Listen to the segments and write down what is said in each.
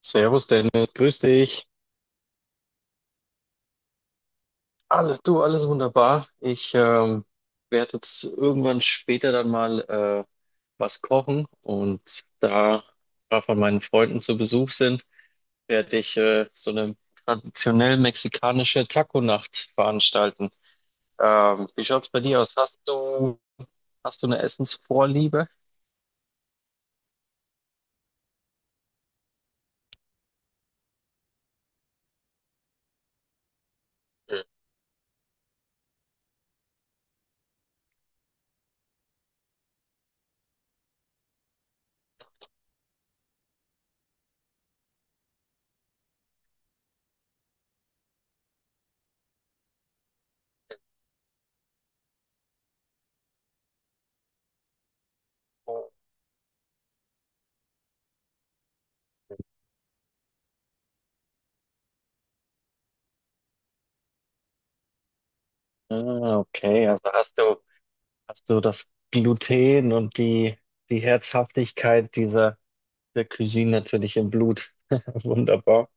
Servus Dennis, grüß dich. Alles, du, alles wunderbar. Ich werde jetzt irgendwann später dann mal was kochen, und da ein paar von meinen Freunden zu Besuch sind, werde ich so eine traditionell mexikanische Taco-Nacht veranstalten. Wie schaut's bei dir aus? Hast du eine Essensvorliebe? Mhm. Ah, okay, hast du das Gluten und die Herzhaftigkeit dieser der Cuisine natürlich im Blut. Wunderbar.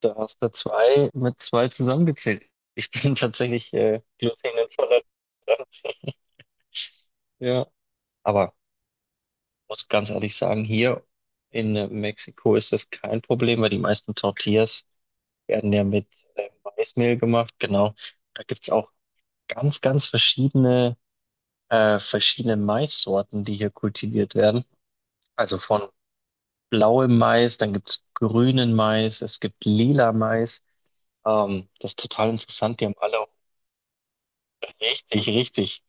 Da hast du zwei mit zwei zusammengezählt. Ich bin tatsächlich glutenintolerant. Ja, aber muss ganz ehrlich sagen, hier in Mexiko ist das kein Problem, weil die meisten Tortillas werden ja mit Maismehl gemacht Genau. Da gibt's auch ganz, ganz verschiedene, verschiedene Maissorten, die hier kultiviert werden. Also von blauem Mais, dann gibt es grünen Mais, es gibt lila Mais. Das ist total interessant. Die haben alle auch richtig, richtig.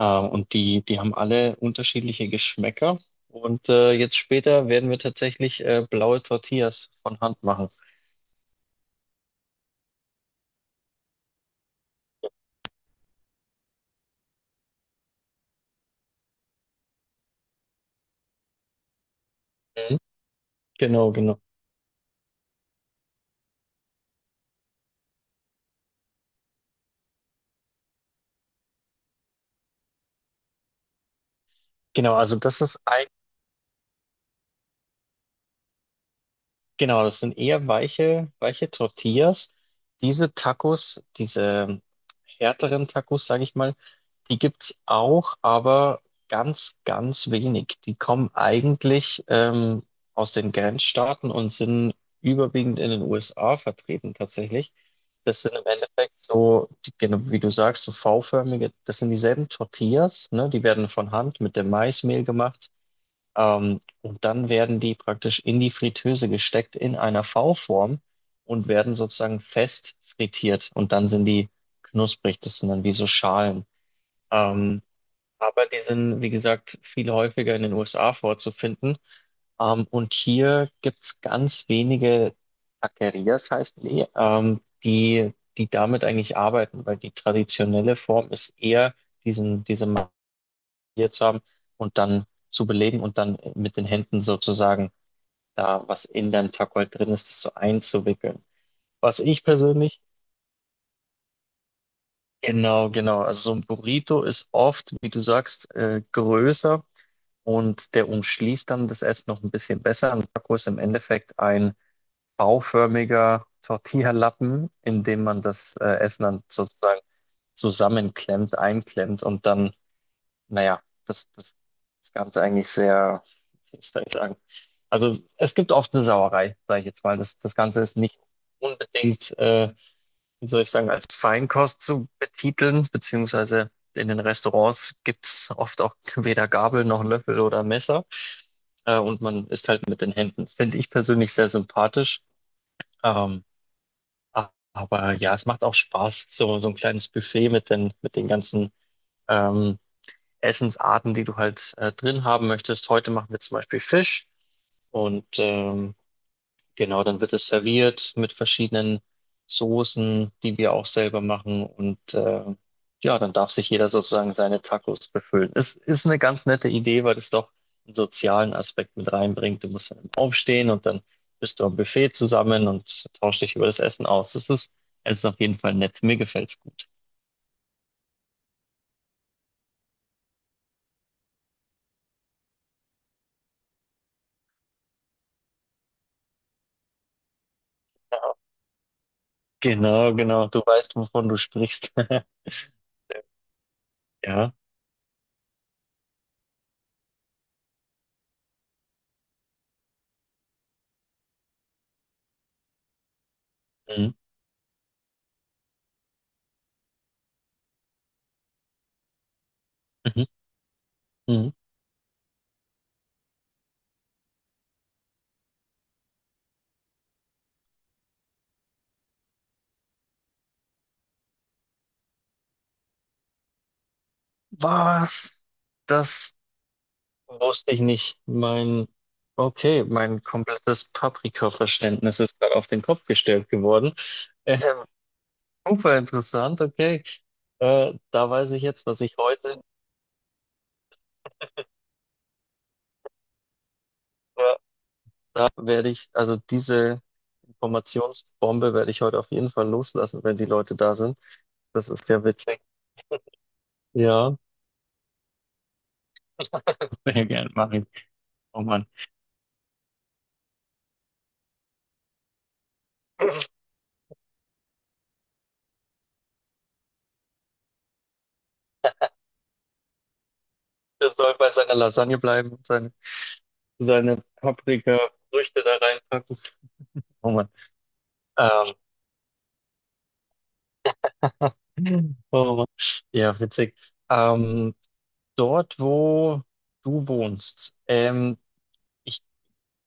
Und die haben alle unterschiedliche Geschmäcker. Und jetzt später werden wir tatsächlich blaue Tortillas von Hand machen. Mhm. Genau, genau. Genau, also das ist ein, Genau, das sind eher weiche, weiche Tortillas. Diese Tacos, diese härteren Tacos, sage ich mal, die gibt's auch, aber ganz, ganz wenig. Die kommen eigentlich aus den Grenzstaaten und sind überwiegend in den USA vertreten tatsächlich. Das sind im Endeffekt so, genau wie du sagst, so V-förmige, das sind dieselben Tortillas, ne? Die werden von Hand mit dem Maismehl gemacht. Und dann werden die praktisch in die Fritteuse gesteckt, in einer V-Form, und werden sozusagen fest frittiert. Und dann sind die knusprig, das sind dann wie so Schalen. Ähm, aber die sind, wie gesagt, viel häufiger in den USA vorzufinden. Und hier gibt's ganz wenige Taquerias, heißen die, die damit eigentlich arbeiten, weil die traditionelle Form ist eher, diese Marie zu haben und dann zu belegen und dann mit den Händen sozusagen, da was in deinem Tacos drin ist, das so einzuwickeln. Was ich persönlich, genau, genau, also so ein Burrito ist oft, wie du sagst, größer, und der umschließt dann das Essen noch ein bisschen besser. Ein Taco ist im Endeffekt ein bauförmiger Tortilla-Lappen, in dem man das Essen dann sozusagen zusammenklemmt, einklemmt, und dann naja, das Ganze eigentlich sehr, wie soll ich sagen, also es gibt oft eine Sauerei, sage ich jetzt mal. Das, das Ganze ist nicht unbedingt, wie soll ich sagen, als Feinkost zu betiteln, beziehungsweise in den Restaurants gibt's oft auch weder Gabel noch Löffel oder Messer. Und man isst halt mit den Händen. Finde ich persönlich sehr sympathisch. Ähm, aber ja, es macht auch Spaß, so, so ein kleines Buffet mit mit den ganzen ähm, Essensarten, die du halt drin haben möchtest. Heute machen wir zum Beispiel Fisch, und genau, dann wird es serviert mit verschiedenen Soßen, die wir auch selber machen, und ja, dann darf sich jeder sozusagen seine Tacos befüllen. Es ist eine ganz nette Idee, weil es doch einen sozialen Aspekt mit reinbringt. Du musst dann aufstehen, und dann bist du am Buffet zusammen und tauschst dich über das Essen aus. Es ist auf jeden Fall nett. Mir gefällt's gut. Genau, genau. Du weißt, wovon du sprichst. Ja. Mhm. Mhm. Mhm. Was? Das wusste ich nicht. Okay, mein komplettes Paprika-Verständnis ist gerade auf den Kopf gestellt geworden. Äh, super interessant, okay. Da weiß ich jetzt, was ich heute äh, werde ich, also diese Informationsbombe werde ich heute auf jeden Fall loslassen, wenn die Leute da sind. Das ist ja witzig. Ja, sehr gerne, mach ich. Oh Mann. Der soll bei seiner Lasagne bleiben und seine Paprika-Früchte da reinpacken. Oh Mann. Ähm, oh Mann. Ja, witzig. Ähm, dort, wo du wohnst, ich,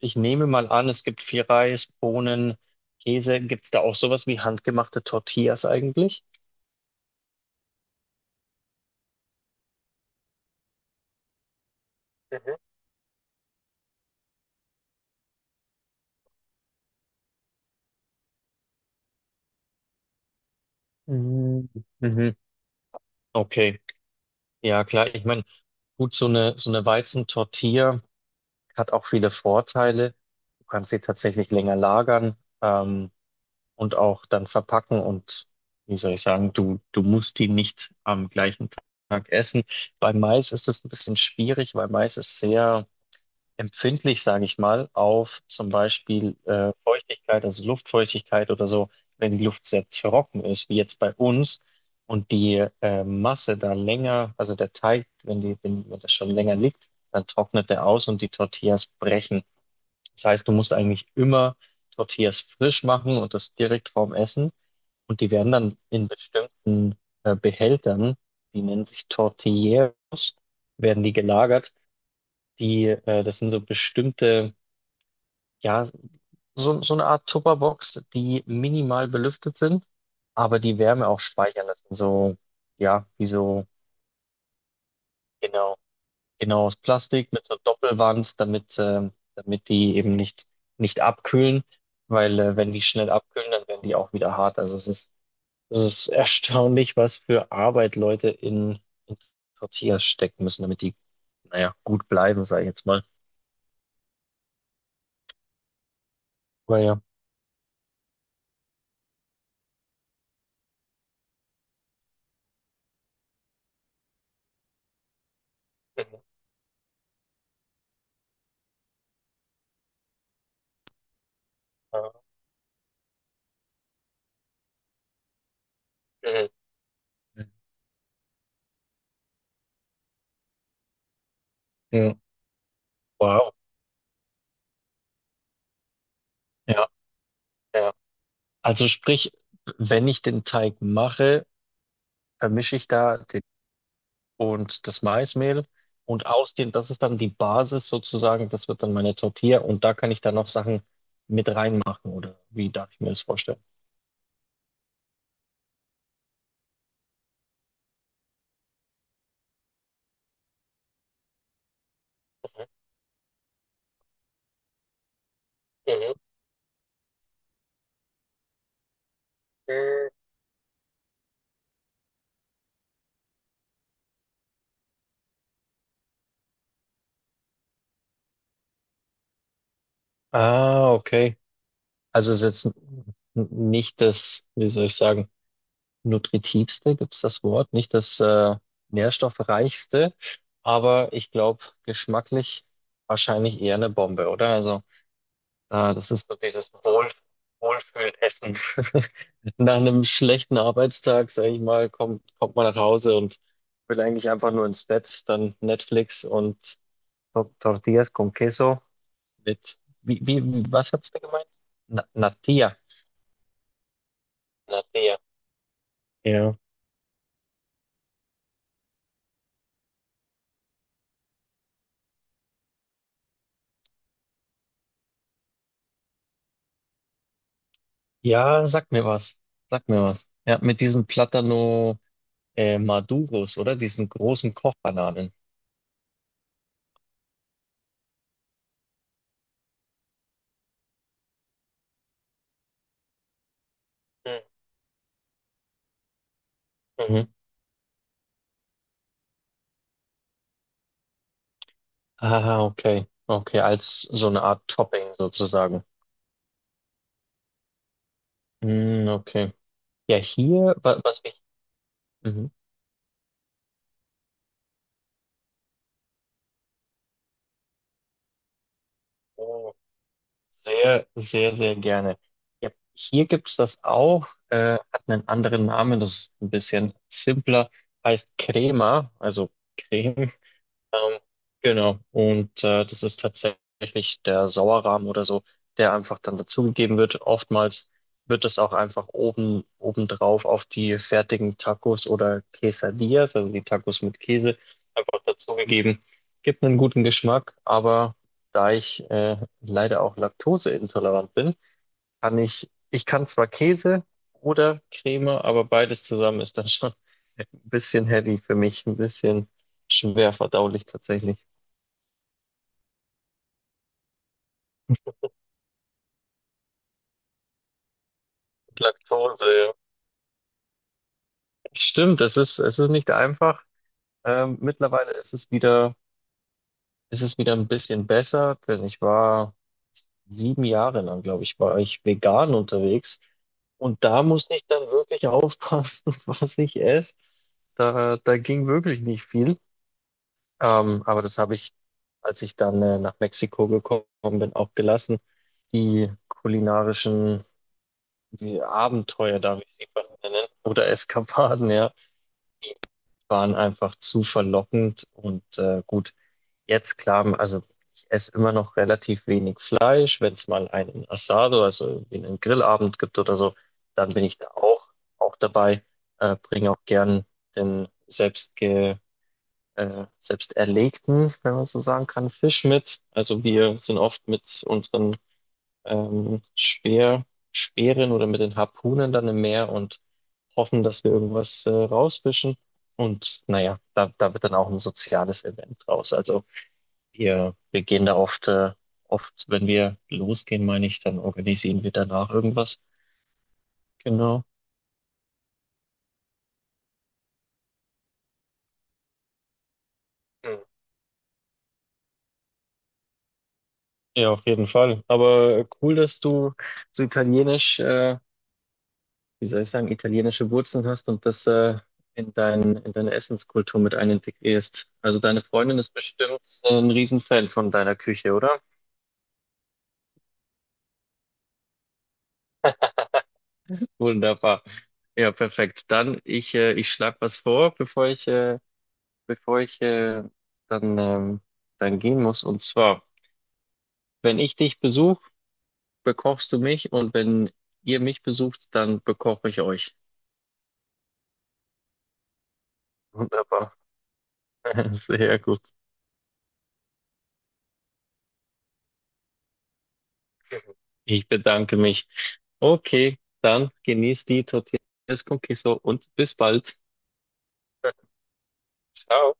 ich nehme mal an, es gibt viel Reis, Bohnen, Käse. Gibt es da auch sowas wie handgemachte Tortillas eigentlich? Mhm. Mhm. Mhm. Okay, ja klar. Ich meine, gut, so eine Weizentortilla. Hat auch viele Vorteile. Du kannst sie tatsächlich länger lagern, und auch dann verpacken, und wie soll ich sagen, du musst die nicht am gleichen Tag essen. Bei Mais ist es ein bisschen schwierig, weil Mais ist sehr empfindlich, sage ich mal, auf zum Beispiel Feuchtigkeit, also Luftfeuchtigkeit oder so, wenn die Luft sehr trocken ist, wie jetzt bei uns. Und die Masse da länger, also der Teig, wenn wenn das schon länger liegt, dann trocknet der aus und die Tortillas brechen. Das heißt, du musst eigentlich immer Tortillas frisch machen, und das direkt vorm Essen. Und die werden dann in bestimmten Behältern, die nennen sich Tortilleros, werden die gelagert. Die, das sind so bestimmte, ja, so, so eine Art Tupperbox, die minimal belüftet sind, aber die Wärme auch speichern. Das sind so, ja, wie so, genau. Genau, aus Plastik mit so einer Doppelwand, damit, damit die eben nicht, nicht abkühlen, weil wenn die schnell abkühlen, dann werden die auch wieder hart. Es ist erstaunlich, was für Arbeit Leute in Tortillas stecken müssen, damit die, naja, gut bleiben, sage ich jetzt mal. Aber ja. Mhm. Mhm. Mhm. Wow. Ja, ja. Also sprich, wenn ich den Teig mache, vermische ich da den und das Maismehl, und aus dem, das ist dann die Basis sozusagen, das wird dann meine Tortilla, und da kann ich dann noch Sachen mit reinmachen, oder wie darf ich mir das vorstellen? Mhm. Mhm. Ah, okay. Also es ist jetzt nicht das, wie soll ich sagen, nutritivste, gibt es das Wort, nicht das nährstoffreichste, aber ich glaube, geschmacklich wahrscheinlich eher eine Bombe, oder? Also ah, das ist so dieses Wohl, Wohlfühlessen. Nach einem schlechten Arbeitstag, sage ich mal, kommt man nach Hause und will eigentlich einfach nur ins Bett, dann Netflix und Tortillas con Queso mit, wie, was hat's da gemeint? Na, Natilla. Natilla. Ja. Ja, sag mir was. Sag mir was. Ja, mit diesen Plátano Maduros, oder? Diesen großen Kochbananen. Mhm. Mhm. Ah, okay. Okay, als so eine Art Topping sozusagen. Mm, okay. Ja, hier, wa- was ich. Mhm. Oh, sehr, sehr, sehr gerne. Ja, hier gibt's das auch, hat einen anderen Namen, das ist ein bisschen simpler, heißt Crema, also Creme. Ähm, genau. Und das ist tatsächlich der Sauerrahm oder so, der einfach dann dazugegeben wird. Oftmals wird das auch einfach oben obendrauf auf die fertigen Tacos oder Quesadillas, also die Tacos mit Käse, einfach dazugegeben. Gibt einen guten Geschmack, aber da ich leider auch laktoseintolerant bin, ich kann zwar Käse oder Creme, aber beides zusammen ist dann schon ein bisschen heavy für mich, ein bisschen schwer verdaulich tatsächlich. Laktose. Stimmt, es ist nicht einfach. Mittlerweile ist es wieder ein bisschen besser, denn ich war sieben Jahre lang, glaube ich, war ich vegan unterwegs. Und da musste ich dann wirklich aufpassen, was ich esse. Da ging wirklich nicht viel. Ähm, aber das habe ich, als ich dann nach Mexiko gekommen bin, auch gelassen. Die kulinarischen, die Abenteuer, darf ich sie fast nennen, oder Eskapaden, ja, waren einfach zu verlockend. Und gut, jetzt klar, also ich esse immer noch relativ wenig Fleisch. Wenn es mal einen Asado, also irgendwie einen Grillabend gibt oder so, dann bin ich da auch dabei, bringe auch gern den selbstge, selbst erlegten, wenn man so sagen kann, Fisch mit. Also wir sind oft mit unseren ähm, Speer, Speeren oder mit den Harpunen dann im Meer und hoffen, dass wir irgendwas rauswischen. Und naja, da wird dann auch ein soziales Event raus. Also wir gehen da oft, wenn wir losgehen, meine ich, dann organisieren wir danach irgendwas. Genau. Mhm. Ja, auf jeden Fall. Aber cool, dass du so italienisch, wie soll ich sagen, italienische Wurzeln hast und das in in deine Essenskultur mit einintegrierst. Also deine Freundin ist bestimmt ein Riesenfan von deiner Küche, oder? Wunderbar. Ja, perfekt. Ich schlage was vor, bevor ich, bevor ich äh, dann, ähm, dann gehen muss. Und zwar, wenn ich dich besuche, bekochst du mich, und wenn ihr mich besucht, dann bekoche ich euch. Wunderbar. Sehr gut. Ich bedanke mich. Okay, dann genießt die Tortillas con Queso und bis bald. Ciao.